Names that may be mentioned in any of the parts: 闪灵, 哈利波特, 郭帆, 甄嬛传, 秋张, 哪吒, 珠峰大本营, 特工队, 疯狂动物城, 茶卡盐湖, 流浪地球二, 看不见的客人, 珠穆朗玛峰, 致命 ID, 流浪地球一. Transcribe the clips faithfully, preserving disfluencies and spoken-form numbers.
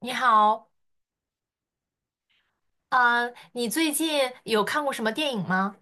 你好，嗯，你最近有看过什么电影吗？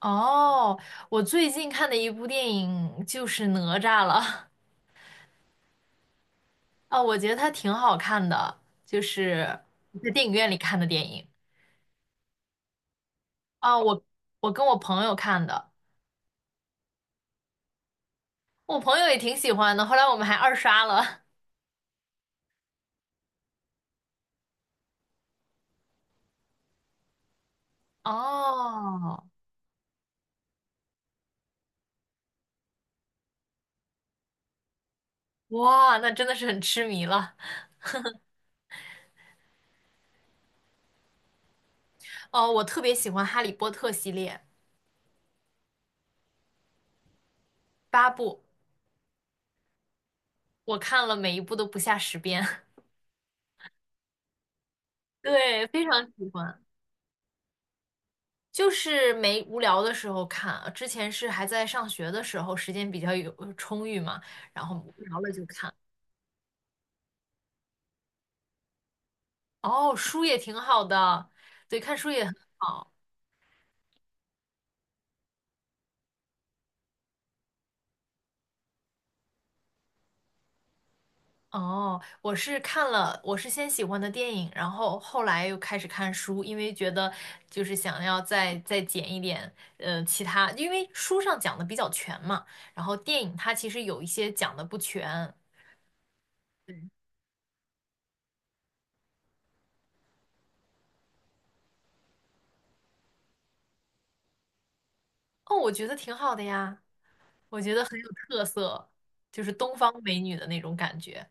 哦，我最近看的一部电影就是《哪吒》了，啊，我觉得它挺好看的，就是在电影院里看的电影。啊，我我跟我朋友看的，我朋友也挺喜欢的，后来我们还二刷了。哦，哇，那真的是很痴迷了。哦，我特别喜欢《哈利波特》系列，八部，我看了每一部都不下十遍。对，非常喜欢。就是没无聊的时候看啊，之前是还在上学的时候，时间比较有呃充裕嘛，然后无聊了就看。哦，书也挺好的，对，看书也很好。哦，我是看了，我是先喜欢的电影，然后后来又开始看书，因为觉得就是想要再再捡一点，呃，其他，因为书上讲的比较全嘛，然后电影它其实有一些讲的不全。对，哦，我觉得挺好的呀。我觉得很有特色，就是东方美女的那种感觉。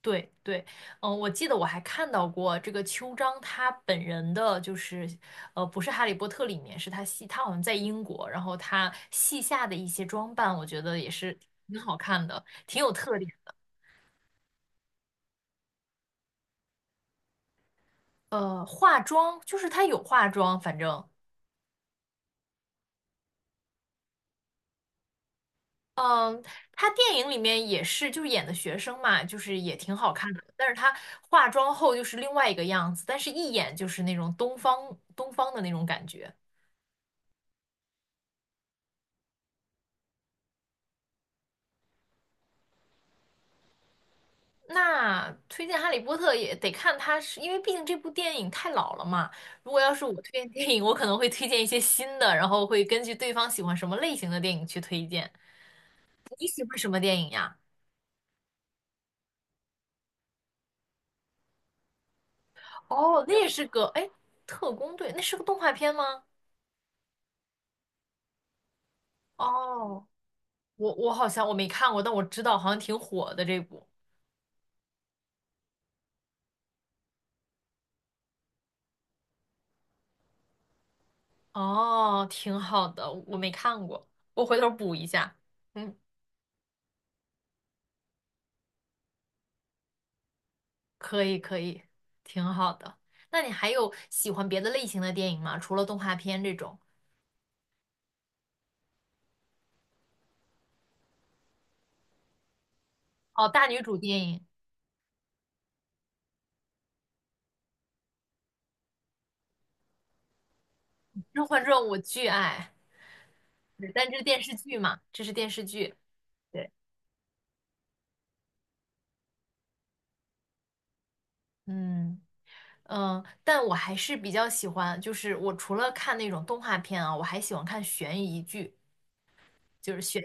对对，嗯，我记得我还看到过这个秋张他本人的，就是呃，不是《哈利波特》里面，是他戏，他好像在英国，然后他戏下的一些装扮，我觉得也是挺好看的，挺有特点。呃，化妆就是他有化妆，反正嗯，他电影里面也是，就是演的学生嘛，就是也挺好看的。但是他化妆后就是另外一个样子，但是一眼就是那种东方东方的那种感觉。那推荐《哈利波特》也得看他，是，因为毕竟这部电影太老了嘛。如果要是我推荐电影，我可能会推荐一些新的，然后会根据对方喜欢什么类型的电影去推荐。你喜欢什么电影呀？哦，那也是个，哎，特工队，那是个动画片吗？哦。我我好像我没看过，但我知道好像挺火的这部。哦，挺好的，我没看过，我回头补一下。嗯，可以可以，挺好的。那你还有喜欢别的类型的电影吗？除了动画片这种？哦，大女主电影《甄嬛传》我巨爱，对但这是电视剧嘛，这是电视剧。对，嗯嗯，但我还是比较喜欢，就是我除了看那种动画片啊，我还喜欢看悬疑剧。就是悬。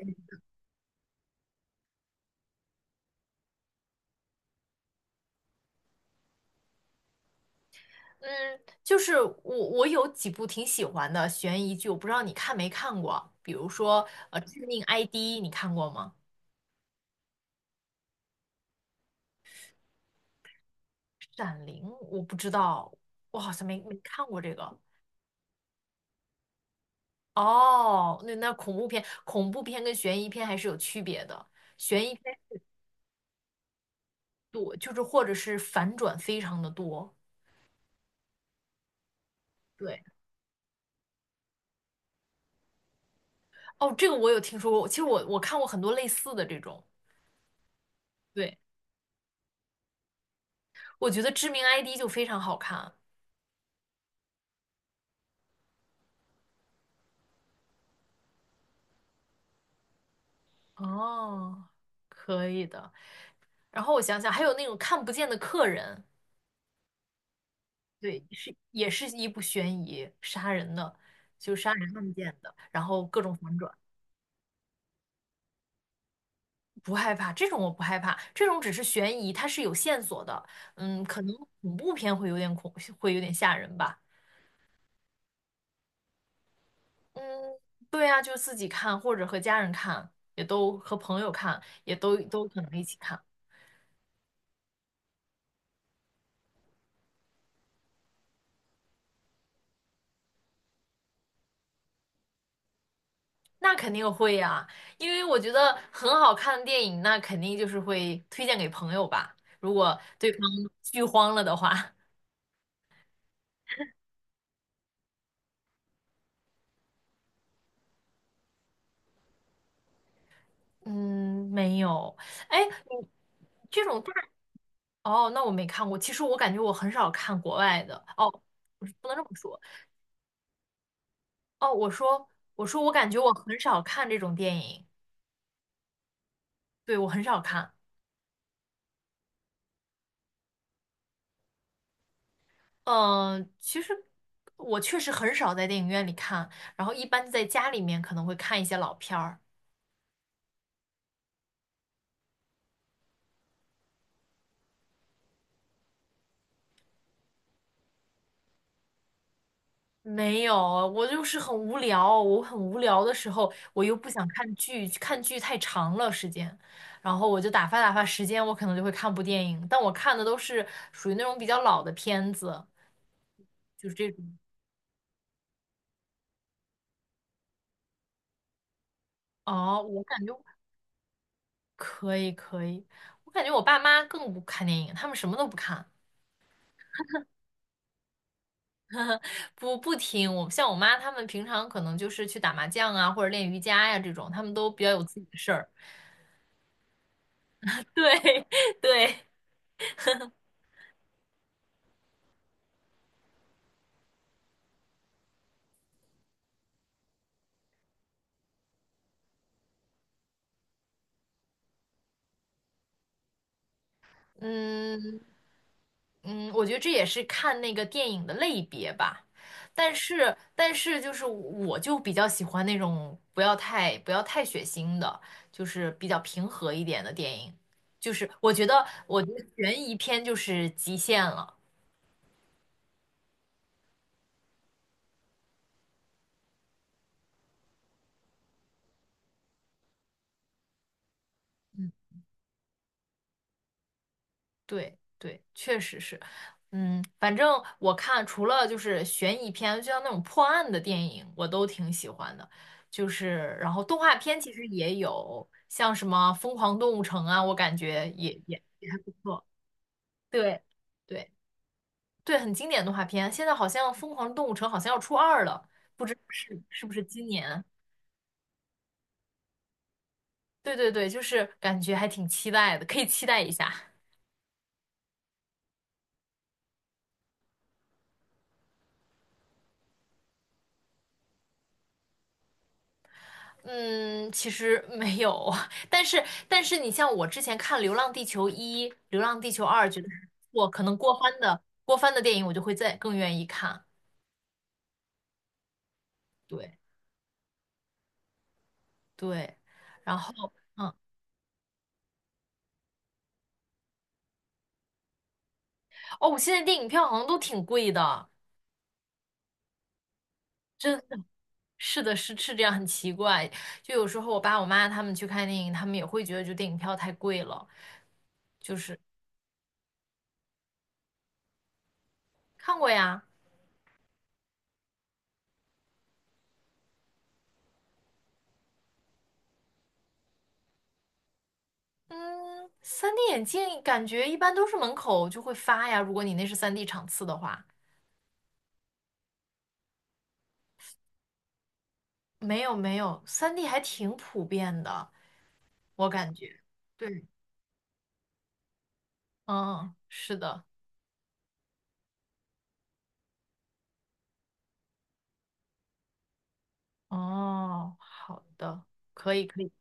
嗯，就是我我有几部挺喜欢的悬疑剧，我不知道你看没看过，比如说呃《致命 I D》，你看过吗？《闪灵》我不知道，我好像没没看过这个。哦，那那恐怖片，恐怖片跟悬疑片还是有区别的，悬疑片多就是或者是反转非常的多。对，哦，这个我有听说过，其实我我看过很多类似的这种，对，我觉得《致命 I D》就非常好看。哦，可以的。然后我想想，还有那种看不见的客人，对，是也是一部悬疑杀人的，就杀人案件的，然后各种反转，不害怕，这种我不害怕，这种只是悬疑，它是有线索的，嗯，可能恐怖片会有点恐，会有点吓人吧，嗯，对啊，就自己看或者和家人看，也都和朋友看，也都都可能一起看。那肯定会呀，因为我觉得很好看的电影，那肯定就是会推荐给朋友吧。如果对方剧荒了的话，嗯，没有。哎，你这种大，哦，那我没看过。其实我感觉我很少看国外的。哦，不是不能这么说。哦，我说我说我感觉我很少看这种电影，对，我很少看。嗯，其实我确实很少在电影院里看，然后一般在家里面可能会看一些老片儿。没有，我就是很无聊，我很无聊的时候，我又不想看剧，看剧太长了时间，然后我就打发打发时间，我可能就会看部电影，但我看的都是属于那种比较老的片子，就是这种。哦，我感觉可以可以，我感觉我爸妈更不看电影，他们什么都不看，不不听。我像我妈，他们平常可能就是去打麻将啊，或者练瑜伽呀、这种，他们都比较有自己的事儿。对对，嗯嗯，我觉得这也是看那个电影的类别吧。但是但是就是我就比较喜欢那种不要太不要太血腥的，就是比较平和一点的电影。就是我觉得我觉得悬疑片就是极限了。嗯对对，确实是，嗯，反正我看除了就是悬疑片，就像那种破案的电影，我都挺喜欢的。就是然后动画片其实也有，像什么《疯狂动物城》啊，我感觉也也不错。对对对，很经典的动画片。现在好像《疯狂动物城》好像要出二了，不知是是不是今年？对对对，就是感觉还挺期待的，可以期待一下。嗯，其实没有，但是但是你像我之前看《流浪地球一》《流浪地球二》，觉得还不错，可能郭帆的郭帆的电影我就会再更愿意看。对对，然后嗯哦，我现在电影票好像都挺贵的，真的是的是是这样，很奇怪。就有时候我爸我妈他们去看电影，他们也会觉得就电影票太贵了。看过呀，嗯三 d 眼镜感觉一般都是门口就会发呀，如果你那是三 d 场次的话。没有没有三 d 还挺普遍的，我感觉。对，嗯，是的，哦，好的，可以可以，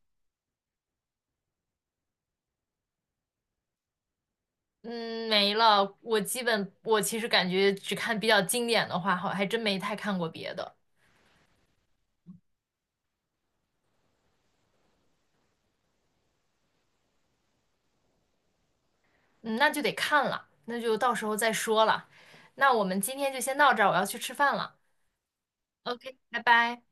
嗯，没了。我基本我其实感觉只看比较经典的话，好，还真没太看过别的。嗯，那就得看了，那就到时候再说了。那我们今天就先到这儿，我要去吃饭了。OK，拜拜。